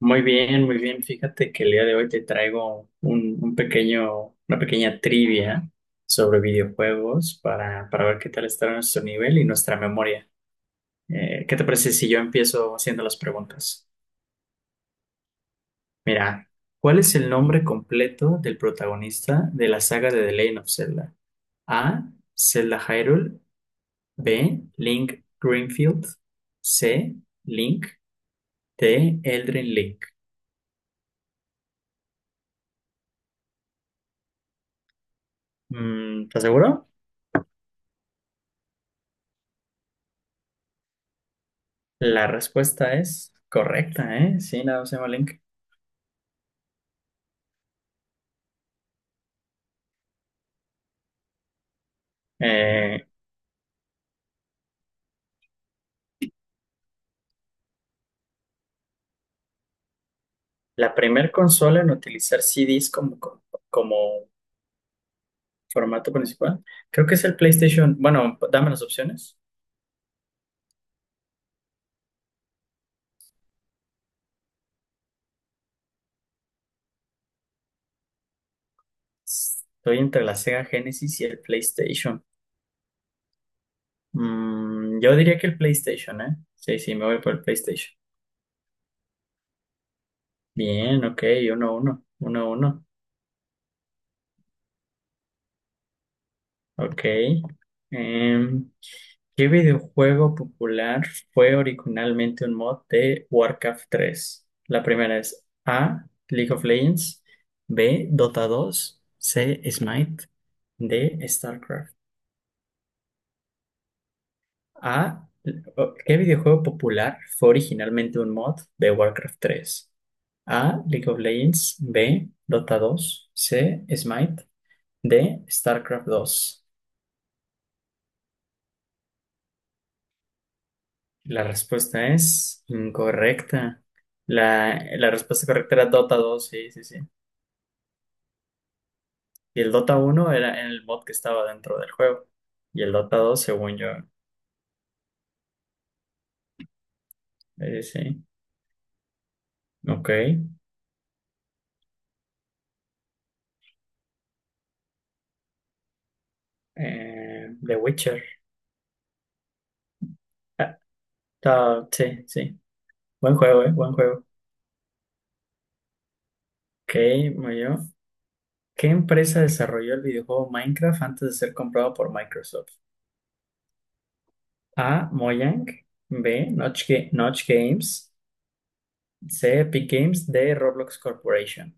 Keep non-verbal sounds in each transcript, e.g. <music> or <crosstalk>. Muy bien, muy bien. Fíjate que el día de hoy te traigo un pequeño, una pequeña trivia sobre videojuegos para, ver qué tal está nuestro nivel y nuestra memoria. ¿Qué te parece si yo empiezo haciendo las preguntas? Mira, ¿cuál es el nombre completo del protagonista de la saga de The Legend of Zelda? A, Zelda Hyrule. B, Link Greenfield. C, Link. D, Eldrin Link. Mm, ¿estás seguro? La respuesta es correcta, ¿eh? Sí, la Seba Link. Eh, la primer consola en utilizar CDs como formato principal, creo que es el PlayStation. Bueno, dame las opciones. Estoy entre la Sega Genesis y el PlayStation. Mm, yo diría que el PlayStation, ¿eh? Sí, sí, me voy por el PlayStation. Bien, ok, uno, uno, uno, uno. Ok. Em, ¿Qué videojuego popular fue originalmente un mod de Warcraft tres? La primera es A, League of Legends; B, Dota dos; C, Smite; D, StarCraft. A, ¿qué videojuego popular fue originalmente un mod de Warcraft tres? A, League of Legends; B, Dota dos; C, Smite; D, StarCraft 2. La respuesta es incorrecta. La respuesta correcta era Dota dos, sí, sí, sí. Y el Dota uno era en el mod que estaba dentro del juego. Y el Dota dos, según yo, sí. Ok. The Witcher. Ah, sí, sí. Buen juego, buen juego. Ok, muy bien. ¿Qué empresa desarrolló el videojuego Minecraft antes de ser comprado por Microsoft? A, Mojang. B, Notch Games. C, Epic Games. D, Roblox Corporation.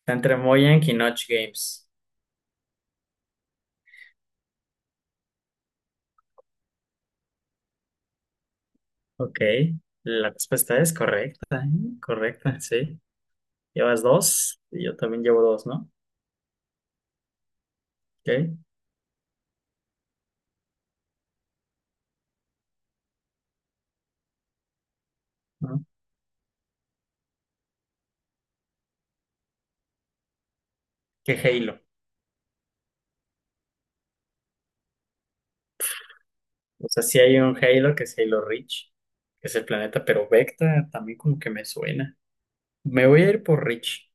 Está entre Mojang y Notch Games. Ok, la respuesta es correcta, ¿eh? Correcta, sí. Llevas dos y yo también llevo dos, ¿no? Ok, ¿no? ¿Qué Halo? O sea, sí hay un Halo que es Halo Reach, que es el planeta, pero Vecta también como que me suena. Me voy a ir por Reach.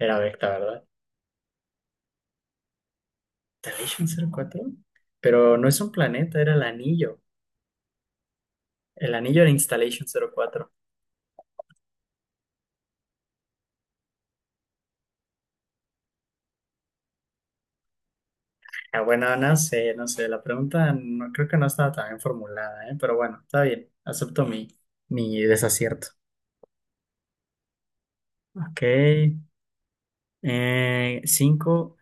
Era Vecta, ¿verdad? Installation 04. Pero no es un planeta, era el anillo. El anillo era Installation 04. Ah, bueno, no sé, no sé, la pregunta no creo que no estaba tan bien formulada, ¿eh? Pero bueno, está bien, acepto mi, mi desacierto. Ok, cinco,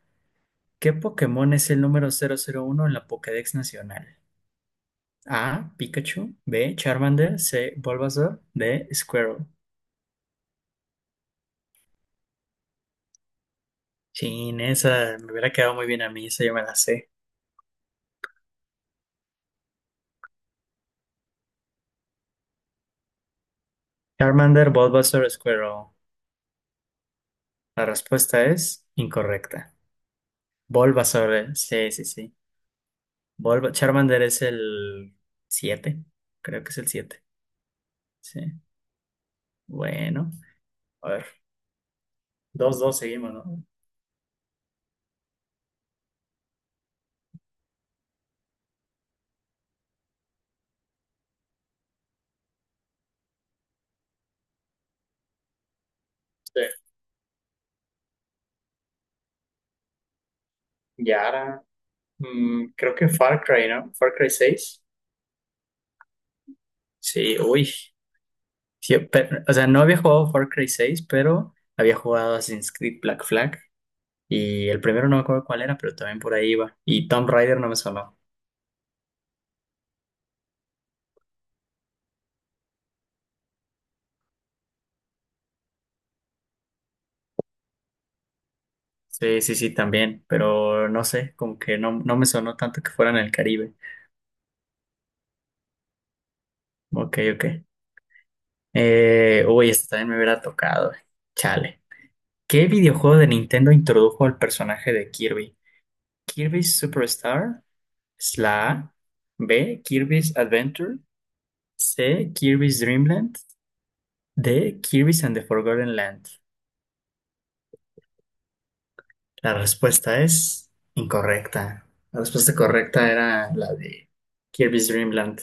¿qué Pokémon es el número cero cero uno en la Pokédex Nacional? A, Pikachu; B, Charmander; C, Bulbasaur; D, Squirtle. Chin, esa me hubiera quedado muy bien a mí, esa yo me la sé. Charmander, Bulbasaur, Squirtle. La respuesta es incorrecta. Bulbasaur, sí, sí, sí. Charmander es el siete. Creo que es el 7. Sí. Bueno. A ver. Dos dos seguimos, ¿no? Sí. Y ahora, mm, creo que Far Cry, ¿no? Far Cry seis. Sí, uy. Sí, o sea, no había jugado Far Cry seis, pero había jugado Assassin's Creed Black Flag. Y el primero no me acuerdo cuál era, pero también por ahí iba. Y Tomb Raider no me sonó. Sí, sí, sí, también. Pero no sé, como que no, no me sonó tanto que fuera en el Caribe. Ok, ok. Uy, esta también me hubiera tocado. Chale. ¿Qué videojuego de Nintendo introdujo al personaje de Kirby? ¿Kirby Superstar? ¿Es la A? ¿B? ¿Kirby's Adventure? ¿C? ¿Kirby's Dreamland? ¿D? ¿Kirby's and the Forgotten Land? La respuesta es incorrecta. La respuesta correcta era la de Kirby's Dreamland.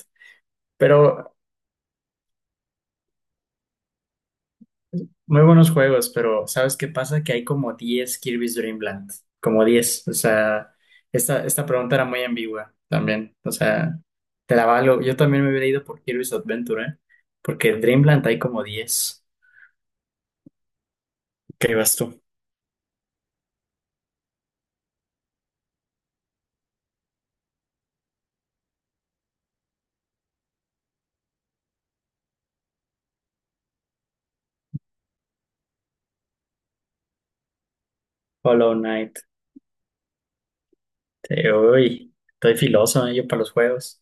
Pero muy buenos juegos, pero ¿sabes qué pasa? Que hay como 10 Kirby's Dream Land, como diez. O sea, esta pregunta era muy ambigua también. O sea, te la valgo. Yo también me hubiera ido por Kirby's Adventure, ¿eh? Porque en Dreamland hay como diez. ¿Qué vas tú? Hollow Knight. Uy, estoy filoso, ¿eh? Yo para los juegos.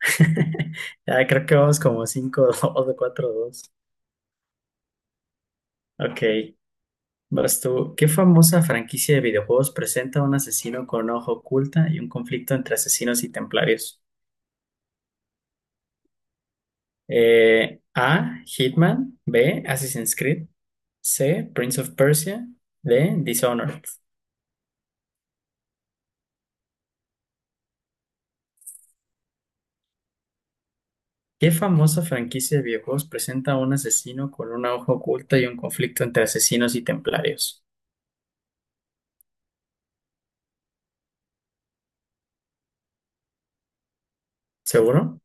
<laughs> Ya creo que vamos como cinco <laughs> dos o cuatro dos. Ok. Vas tú. ¿Qué famosa franquicia de videojuegos presenta un asesino con ojo oculta y un conflicto entre asesinos y templarios? A, Hitman. B, Assassin's Creed. C, Prince of Persia. D, Dishonored. ¿Qué famosa franquicia de videojuegos presenta un asesino con una hoja oculta y un conflicto entre asesinos y templarios? ¿Seguro?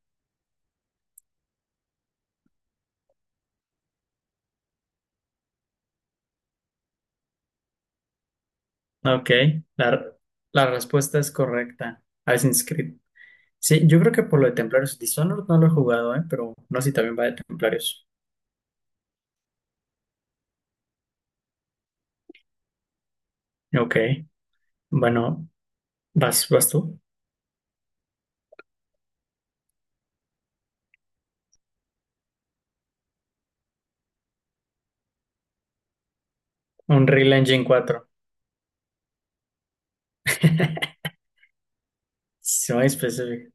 Ok, la, la respuesta es correcta. Assassin's Creed. Sí, yo creo que por lo de Templarios. Dishonored no lo he jugado, ¿eh? Pero no sé si también va de Templarios. Ok. Bueno, vas tú. Unreal Engine <laughs> 4. Muy específico.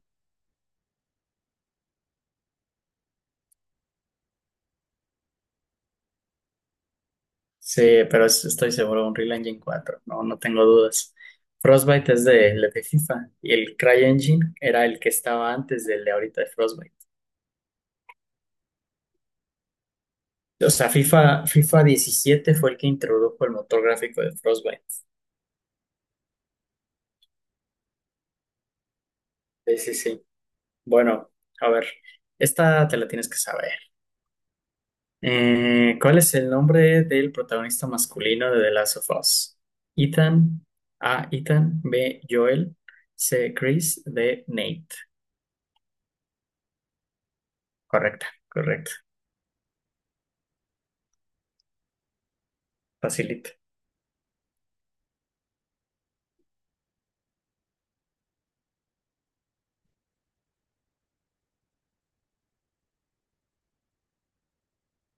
Sí, pero estoy seguro, Unreal Engine cuatro. No, no tengo dudas. Frostbite es de, el de FIFA, y el CryEngine era el que estaba antes del de ahorita de Frostbite. O sea, FIFA, FIFA diecisiete fue el que introdujo el motor gráfico de Frostbite. Sí, sí, sí. Bueno, a ver, esta te la tienes que saber. ¿Cuál es el nombre del protagonista masculino de The Last of Us? Ethan, A, Ethan; B, Joel; C, Chris; D, Nate. Correcta, correcto. Facilita.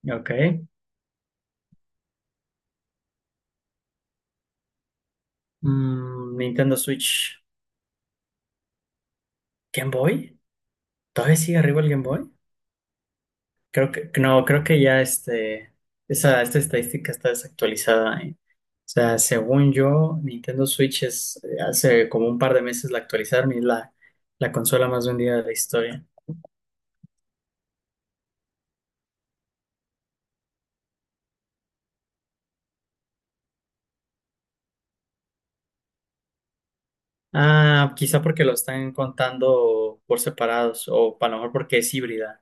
Ok. Mm, Nintendo Switch. ¿Game Boy? ¿Todavía sigue arriba el Game Boy? Creo que, no, creo que ya este, esa, esta estadística está desactualizada, ¿eh? O sea, según yo, Nintendo Switch es, hace como un par de meses la actualizaron y es la, la consola más vendida de la historia. Ah, quizá porque lo están contando por separados o a lo mejor porque es híbrida.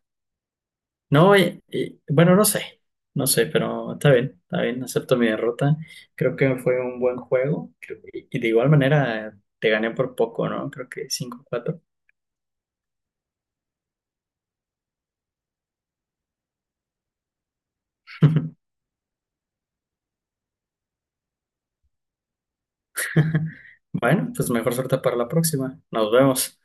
No, bueno, no sé, no sé, pero está bien, acepto mi derrota. Creo que fue un buen juego y de igual manera te gané por poco, ¿no? Creo que cinco cuatro. <laughs> Bueno, pues mejor suerte para la próxima. Nos vemos.